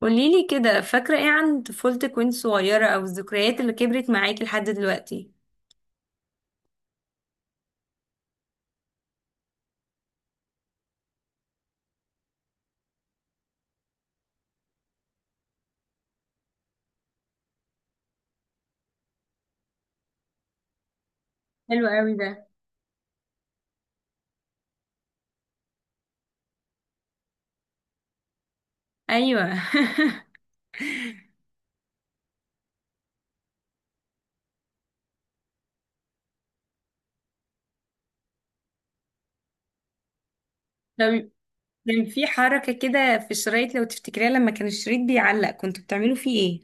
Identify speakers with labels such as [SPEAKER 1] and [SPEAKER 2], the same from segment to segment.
[SPEAKER 1] قوليلي كده فاكرة ايه عن طفولتك وانت صغيرة او الذكريات اللي كبرت معاكي لحد دلوقتي؟ حلو قوي ده. ايوه. طب، كان في حركة كده في الشرايط لو تفتكريها، لما كان الشريط بيعلق كنتوا بتعملوا فيه ايه؟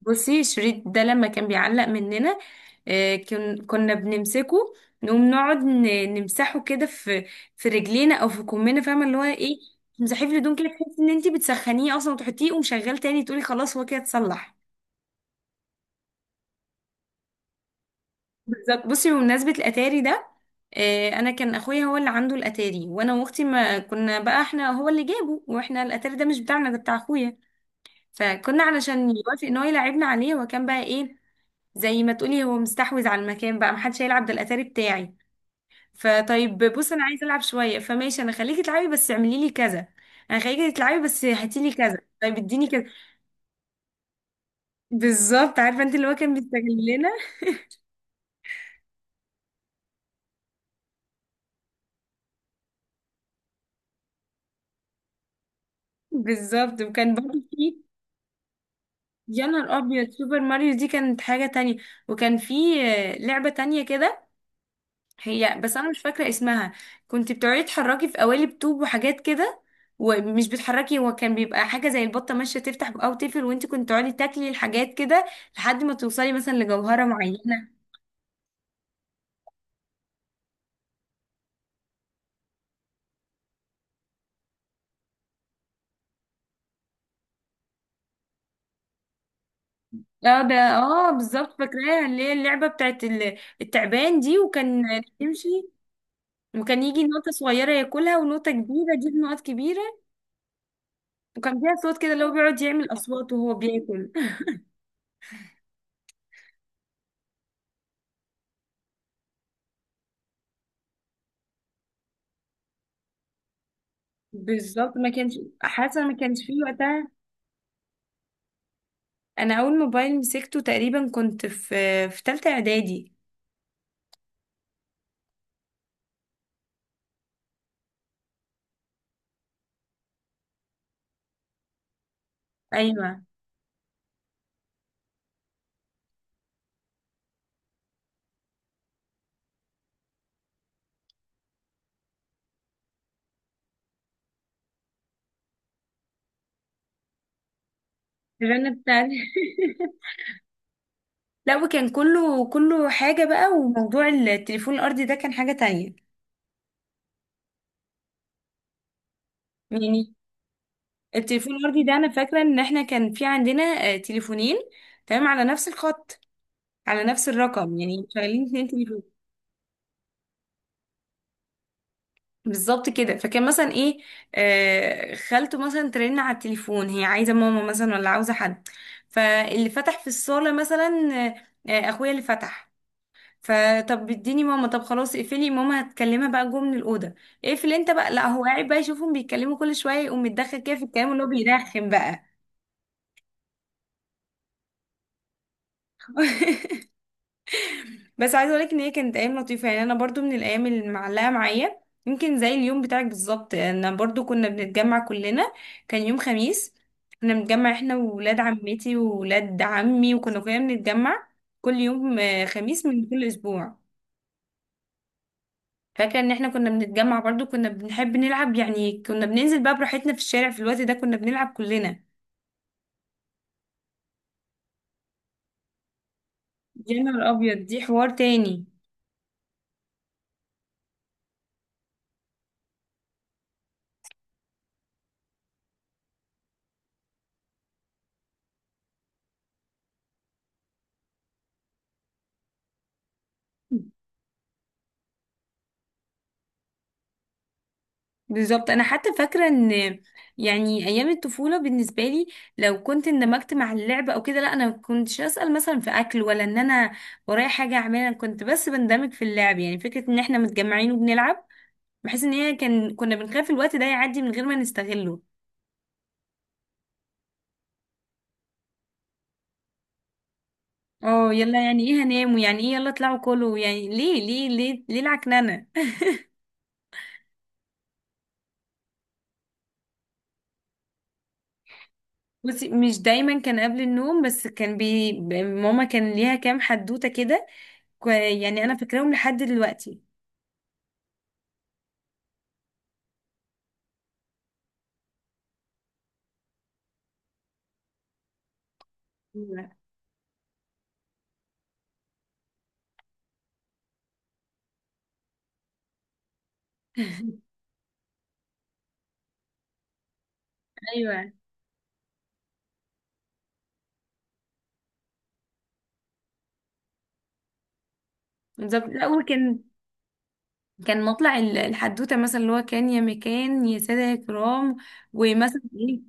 [SPEAKER 1] بصي الشريط ده لما كان بيعلق مننا، كنا بنمسكه، نقوم نقعد نمسحه كده في في رجلينا او في كمنا، فاهمة اللي هو ايه؟ تمسحيه في الهدوم كده، تحسي ان انت بتسخنيه اصلا، وتحطيه ومشغل تاني، تقولي خلاص هو كده اتصلح. بالظبط. بصي بمناسبة الأتاري ده، أنا كان أخويا هو اللي عنده الأتاري، وأنا وأختي ما كنا بقى، إحنا هو اللي جابه، وإحنا الأتاري ده مش بتاعنا، ده بتاع أخويا. فكنا علشان يوافق إن هو يلعبنا عليه، وكان بقى إيه، زي ما تقولي هو مستحوذ على المكان بقى، محدش هيلعب، ده الأتاري بتاعي. فطيب بص أنا عايزة ألعب شوية، فماشي أنا خليكي تلعبي بس اعملي لي كذا. أنا خليكي تلعبي بس هاتي لي كذا، طيب اديني كذا. بالظبط، عارفة أنت اللي هو كان بيستغلنا. بالظبط. وكان برضه في، يا نهار ابيض سوبر ماريو دي كانت حاجة تانية. وكان في لعبة تانية كده، هي بس انا مش فاكرة اسمها. كنت بتقعدي تحركي في قوالب طوب وحاجات كده، ومش بتحركي، هو كان بيبقى حاجة زي البطة ماشية تفتح او تقفل، وانت كنت تقعدي تاكلي الحاجات كده لحد ما توصلي مثلا لجوهرة معينة. اه ده، اه بالظبط فاكراها، اللي هي اللعبة بتاعت التعبان دي، وكان يمشي، وكان يجي نقطة صغيرة ياكلها، ونقطة كبيرة، دي نقط كبيرة. وكان فيها صوت كده اللي هو بيقعد يعمل أصوات وهو بياكل. بالظبط. ما كانش حاسه، ما كانش فيه وقتها. انا اول موبايل مسكته تقريبا كنت في ثالثه اعدادي. ايوه الرنه بتاعتي. لا، وكان كله كله حاجه بقى، وموضوع التليفون الارضي ده كان حاجه تانية، يعني. التليفون الارضي ده انا فاكره ان احنا كان في عندنا تليفونين. تمام، على نفس الخط، على نفس الرقم، يعني شغالين اتنين تليفون. بالظبط كده. فكان مثلا ايه، خالته مثلا ترن على التليفون، هي عايزه ماما مثلا ولا عاوزه حد، فاللي فتح في الصاله مثلا، اخويا اللي فتح. فطب اديني ماما، طب خلاص اقفلي، ماما هتكلمها بقى جوه من الاوضه، اقفل انت بقى. لا هو قاعد بقى يشوفهم بيتكلموا، كل شويه يقوم متدخل كده في الكلام، اللي هو بيرخم بقى. بس عايزه اقولك ان هي كانت ايام لطيفه، يعني انا برضو من الايام اللي معلقه معايا. يمكن زي اليوم بتاعك بالظبط، انا برضو كنا بنتجمع كلنا، كان يوم خميس، كنا بنتجمع احنا وولاد عمتي وولاد عمي، وكنا كلنا بنتجمع كل يوم خميس من كل اسبوع. فاكره ان احنا كنا بنتجمع، برضو كنا بنحب نلعب يعني، كنا بننزل بقى براحتنا في الشارع في الوقت ده، كنا بنلعب كلنا. يا نهار ابيض دي حوار تاني. بالظبط، انا حتى فاكره ان، يعني ايام الطفوله بالنسبه لي، لو كنت اندمجت مع اللعب او كده، لا انا ما كنتش اسال مثلا في اكل، ولا ان انا ورايا حاجه اعملها. أنا كنت بس بندمج في اللعب، يعني فكره ان احنا متجمعين وبنلعب، بحيث ان هي كان كنا بنخاف الوقت ده يعدي من غير ما نستغله. اه، يلا يعني ايه هنام، ويعني ايه يلا اطلعوا كلوا، يعني ليه ليه ليه ليه، العكننه. بصي مش دايما كان قبل النوم، بس كان بي ماما كان ليها كام حدوته كده، يعني انا فاكراهم لحد دلوقتي. ايوه بالظبط. لا وكان، كان مطلع الحدوته مثلا اللي هو كان يا مكان يا ساده يا كرام، ومثلا ايه.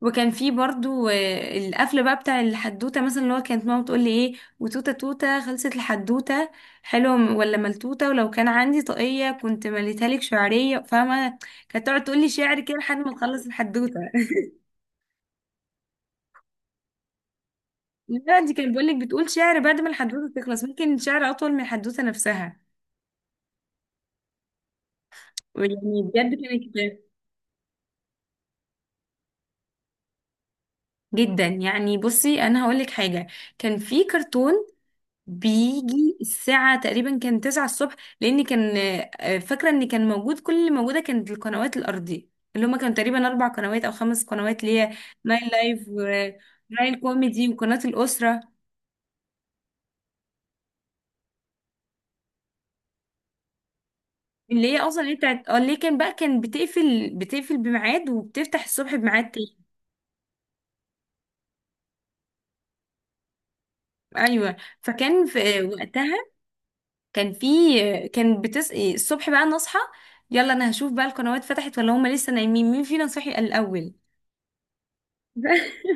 [SPEAKER 1] وكان في برضو القفله بقى بتاع الحدوته، مثلا اللي هو كانت ماما بتقول لي ايه، وتوته توته خلصت الحدوته، حلوه ولا ملتوته، ولو كان عندي طاقيه كنت مليتها لك شعريه، فاهمه. كانت تقعد تقول لي شعر كده لحد ما تخلص الحدوته. لا دي كانت بقول لك، بتقول شعر بعد ما الحدوته تخلص، ممكن شعر اطول من الحدوته نفسها يعني، بجد. كانت جدا. يعني بصي انا هقولك حاجه، كان في كرتون بيجي الساعه تقريبا كان 9 الصبح، لان كان فاكره ان كان موجود، كل اللي موجوده كانت القنوات الارضيه، اللي هما كانوا تقريبا اربع قنوات او خمس قنوات، اللي هي ناين لايف وناين كوميدي وقناه الاسره، اللي هي اصلا، اللي هي بتاعت اللي كان بقى، كان بتقفل بميعاد وبتفتح الصبح بميعاد تاني. ايوه. فكان في وقتها، كان في كان الصبح بقى نصحى، يلا انا هشوف بقى القنوات فتحت ولا هم لسه نايمين، مين فينا صحي الاول.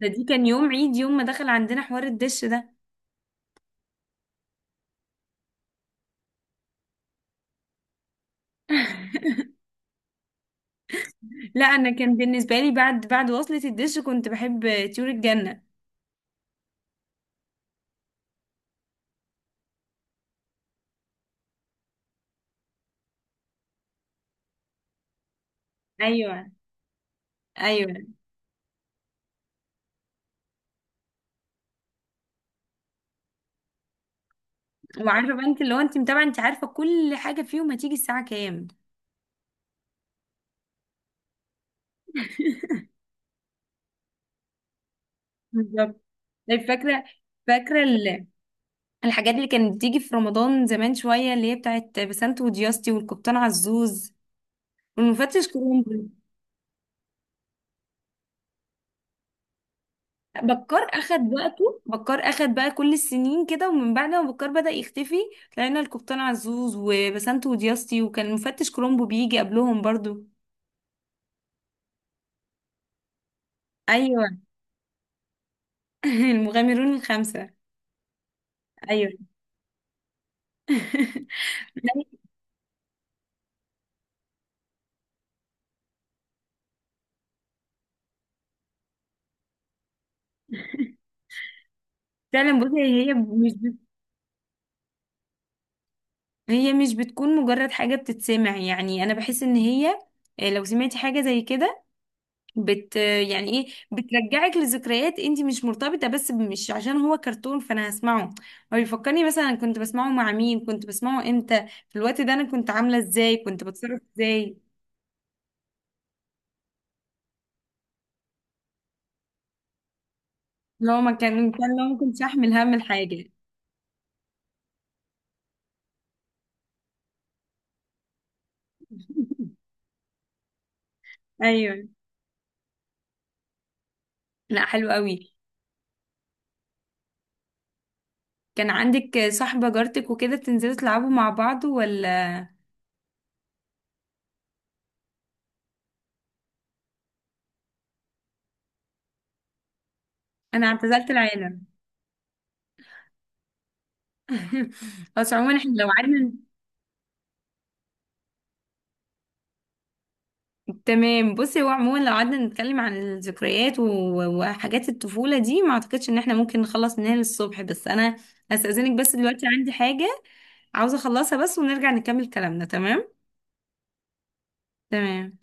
[SPEAKER 1] دي كان يوم عيد، يوم ما دخل عندنا حوار الدش ده. لا انا كان بالنسبه لي بعد وصلة الدش كنت بحب طيور الجنه. ايوه ايوه. وعارفه بقى انت، اللي هو انت متابعه، انت عارفه كل حاجه فيهم هتيجي الساعه كام. بالظبط. طيب فاكره، فاكره الحاجات اللي كانت بتيجي في رمضان زمان شويه، اللي هي بتاعت بسنت ودياستي والقبطان عزوز، المفتش كولومبو. بكار اخد وقته، بكار اخد بقى كل السنين كده، ومن بعد ما بكار بدأ يختفي لقينا القبطان عزوز وبسنت ودياستي، وكان المفتش كولومبو بيجي قبلهم برضو. ايوه. المغامرون الخمسة. ايوه. فعلا بصي هي مش بتكون مجرد حاجة بتتسمع، يعني انا بحس ان هي لو سمعتي حاجة زي كده، يعني ايه، بترجعك لذكريات، انت مش مرتبطه بس مش عشان هو كرتون فانا هسمعه، هو بيفكرني مثلا أنا كنت بسمعه مع مين، كنت بسمعه امتى، في الوقت ده انا كنت عامله ازاي، كنت بتصرف ازاي لو ما كنتش احمل هم الحاجه. ايوه لا حلو قوي. كان عندك صاحبه جارتك وكده بتنزلوا تلعبوا مع بعض ولا؟ انا اعتزلت العالم. بس عموما احنا لو قعدنا، تمام. بصي هو عموما لو قعدنا نتكلم عن الذكريات وحاجات الطفولة دي، ما اعتقدش ان احنا ممكن نخلص منها للصبح. بس انا هستأذنك بس دلوقتي عندي حاجة عاوزة اخلصها بس، ونرجع نكمل كلامنا. تمام. تمام.